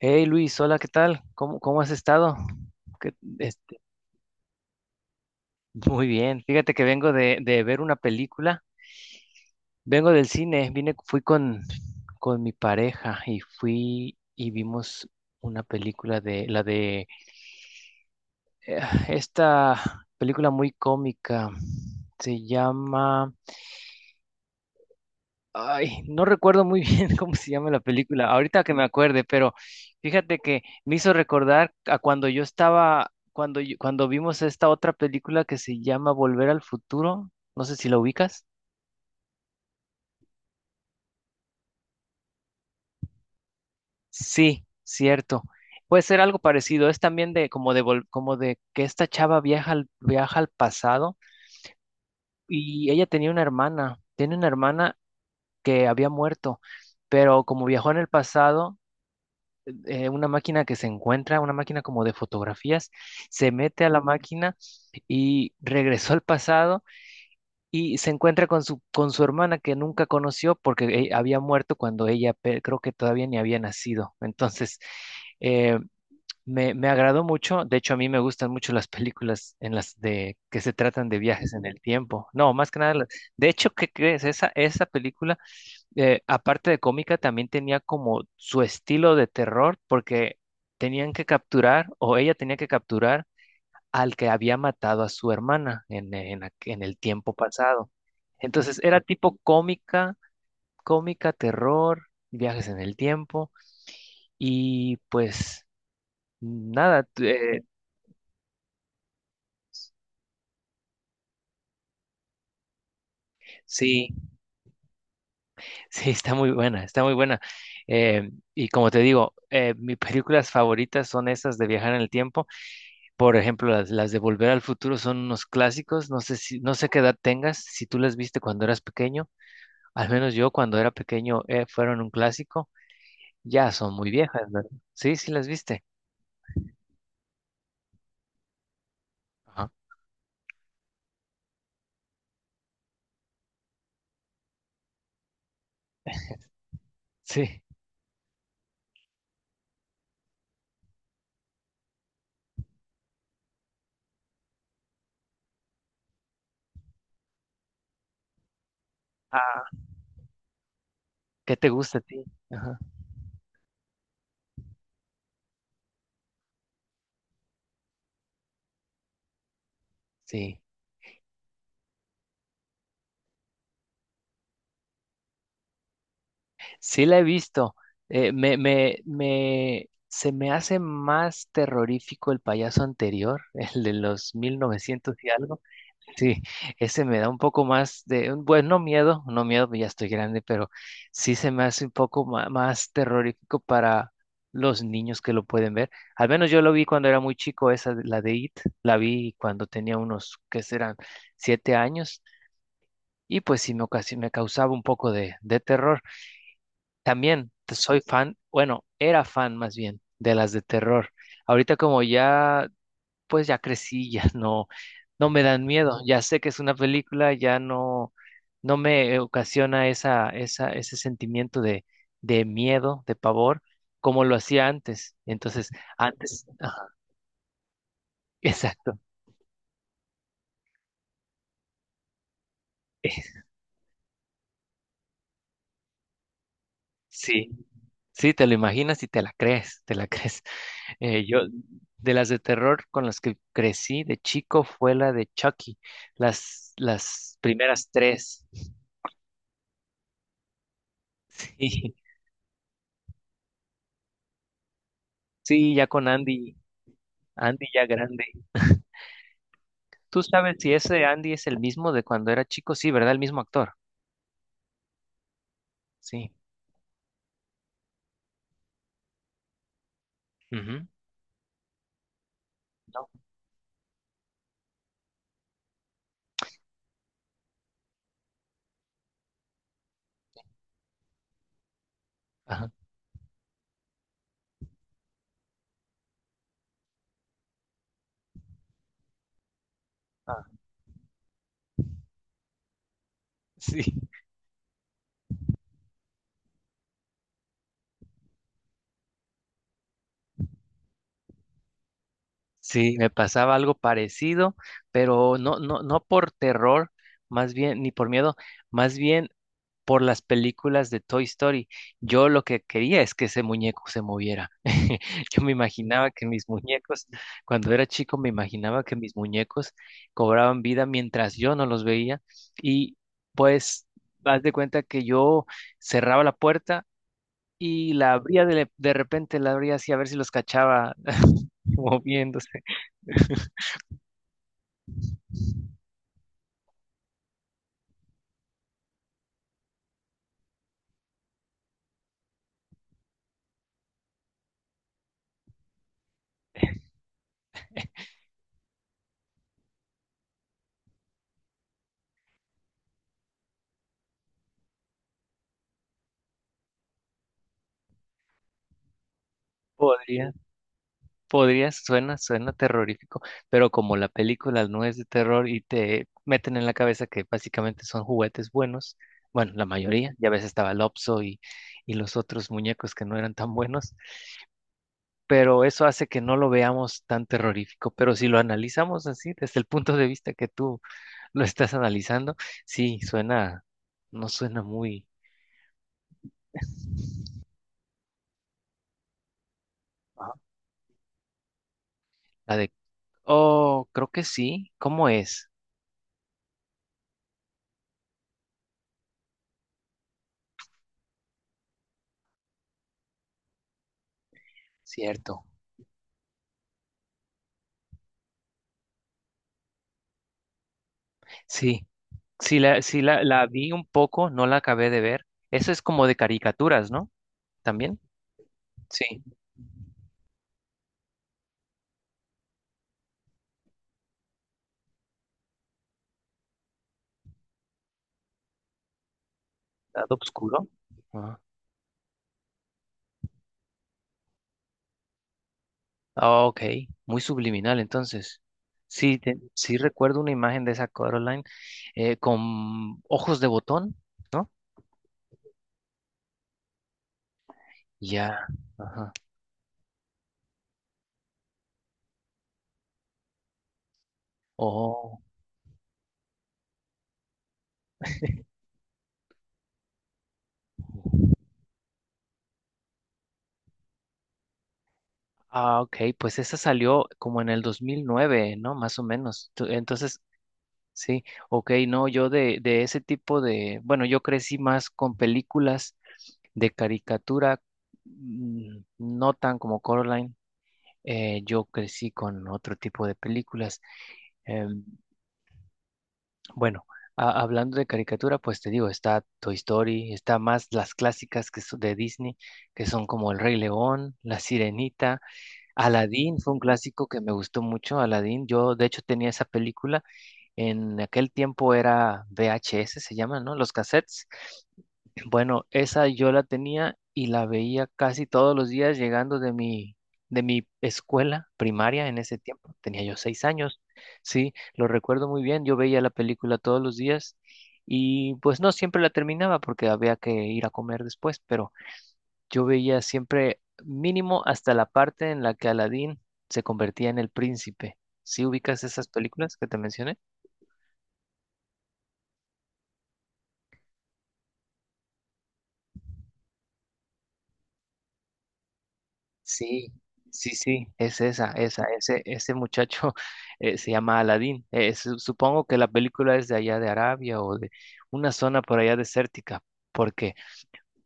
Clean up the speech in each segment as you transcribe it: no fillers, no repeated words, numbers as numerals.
Hey Luis, hola, ¿qué tal? ¿Cómo has estado? ¿Qué- este, Muy bien. Fíjate que vengo de ver una película. Vengo del cine, vine, fui con mi pareja y fui y vimos una película de eh, esta película muy cómica. Se llama... Ay, no recuerdo muy bien cómo se llama la película, ahorita que me acuerde, pero fíjate que me hizo recordar a cuando yo cuando vimos esta otra película que se llama Volver al Futuro, no sé si la ubicas. Sí, cierto. Puede ser algo parecido, es también de como de que esta chava viaja al pasado y ella tenía una hermana, tiene una hermana que había muerto, pero como viajó en el pasado una máquina que se encuentra, una máquina como de fotografías, se mete a la máquina y regresó al pasado y se encuentra con su hermana que nunca conoció porque había muerto cuando creo que todavía ni había nacido. Entonces, eh, me agradó mucho. De hecho, a mí me gustan mucho las películas en las de que se tratan de viajes en el tiempo. No, más que nada, las- de hecho, ¿qué crees? Esa película aparte de cómica, también tenía como su estilo de terror porque tenían que capturar o ella tenía que capturar al que había matado a su hermana en el tiempo pasado. Entonces era tipo cómica, cómica, terror, viajes en el tiempo y pues nada. Sí, sí, está muy buena, está muy buena. Y como te digo, mis películas favoritas son esas de viajar en el tiempo. Por ejemplo, las de Volver al Futuro son unos clásicos. No sé qué edad tengas, si tú las viste cuando eras pequeño. Al menos yo cuando era pequeño fueron un clásico. Ya son muy viejas, ¿verdad? Sí, sí las viste. Ajá. Sí. Ah, ¿qué te gusta a ti? Ajá. Sí. Sí la he visto. Se me hace más terrorífico el payaso anterior, el de los 1900 y algo. Sí, ese me da un poco más de, bueno, no miedo, no miedo, ya estoy grande, pero sí se me hace un poco más, terrorífico para los niños que lo pueden ver. Al menos yo lo vi cuando era muy chico, la de It, la vi cuando tenía unos, ¿qué serán? 7 años, y pues me causaba un poco de terror. También soy fan, bueno, era fan más bien de las de terror. Ahorita como ya pues ya crecí, ya no, no me dan miedo, ya sé que es una película, ya no, no me ocasiona ese sentimiento de miedo, de pavor, como lo hacía antes. Entonces, antes, ajá, exacto, sí, sí, te lo imaginas y te la crees, te la crees. Eh, yo, de las de terror con las que crecí de chico fue la de Chucky, las primeras tres. Sí, sí, ya con Andy, Andy ya grande. Tú sabes si ese Andy es el mismo de cuando era chico, sí, ¿verdad? El mismo actor. Sí. Ujú. No. Ajá. Ah, sí. Sí, me pasaba algo parecido, pero no, no, no por terror, más bien, ni por miedo, más bien por las películas de Toy Story. Yo lo que quería es que ese muñeco se moviera. Yo me imaginaba que mis muñecos, cuando era chico, me imaginaba que mis muñecos cobraban vida mientras yo no los veía y pues haz de cuenta que yo cerraba la puerta y la abría de repente, la abría así a ver si los cachaba moviéndose. Podría. Podría, suena terrorífico, pero como la película no es de terror y te meten en la cabeza que básicamente son juguetes buenos, bueno, la mayoría, ya ves estaba Lopso y los otros muñecos que no eran tan buenos, pero eso hace que no lo veamos tan terrorífico, pero si lo analizamos así, desde el punto de vista que tú lo estás analizando, sí, suena, no suena muy, la de, oh, creo que sí, ¿cómo es? Cierto. Sí, sí la vi un poco, no la acabé de ver. Eso es como de caricaturas, ¿no? También. Sí, lado oscuro. Ah, ah, ok, muy subliminal entonces. Sí, sí recuerdo una imagen de esa Coraline con ojos de botón, ¿no? Ya, ajá. Oh, ah, ok, pues esa salió como en el 2009, ¿no? Más o menos. Entonces, sí, ok, no, yo de ese tipo de, bueno, yo crecí más con películas de caricatura, mm, no tan como Coraline. Yo crecí con otro tipo de películas. Em, bueno, hablando de caricatura, pues te digo, está Toy Story, está más las clásicas que son de Disney, que son como El Rey León, La Sirenita, Aladdin fue un clásico que me gustó mucho, Aladdin. Yo, de hecho, tenía esa película. En aquel tiempo era VHS, se llama, ¿no? Los cassettes. Bueno, esa yo la tenía y la veía casi todos los días llegando de mi escuela primaria en ese tiempo. Tenía yo 6 años, sí, lo recuerdo muy bien. Yo veía la película todos los días y pues no siempre la terminaba porque había que ir a comer después, pero yo veía siempre mínimo hasta la parte en la que Aladín se convertía en el príncipe. ¿Sí ubicas esas películas que te mencioné? Sí, sí, sí, es esa, ese muchacho se llama Aladín. Supongo que la película es de allá de Arabia o de una zona por allá desértica, porque,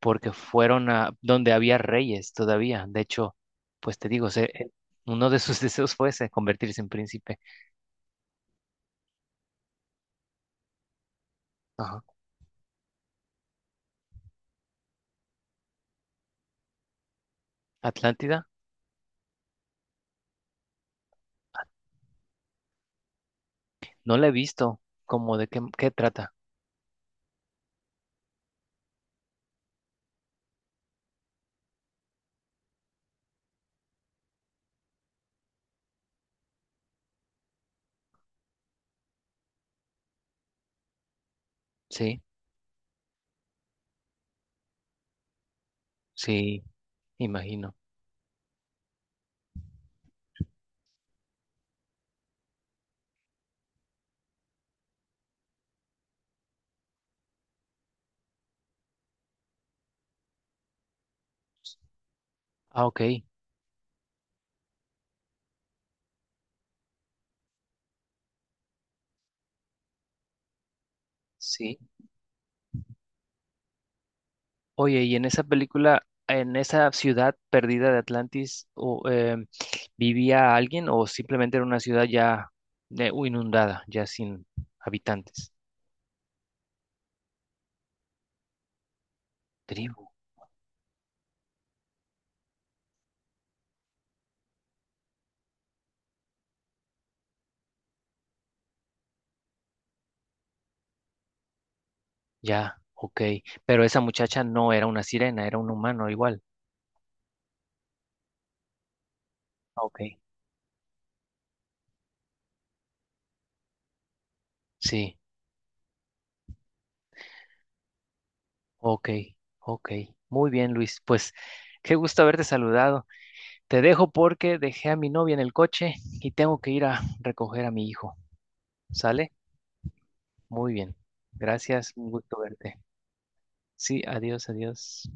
porque fueron a donde había reyes todavía. De hecho, pues te digo, uno de sus deseos fue ese, convertirse en príncipe. Ajá. Atlántida, no la he visto, como de qué, qué trata. Sí, sí, imagino. Ah, ok, sí. Oye, y en esa película, en esa ciudad perdida de Atlantis, o, ¿vivía alguien o simplemente era una ciudad ya inundada, ya sin habitantes? Tribu, ya, ok. Pero esa muchacha no era una sirena, era un humano igual. Ok. Sí, ok, ok. Muy bien, Luis. Pues qué gusto haberte saludado. Te dejo porque dejé a mi novia en el coche y tengo que ir a recoger a mi hijo. ¿Sale? Muy bien. Gracias, un gusto verte. Sí, adiós, adiós.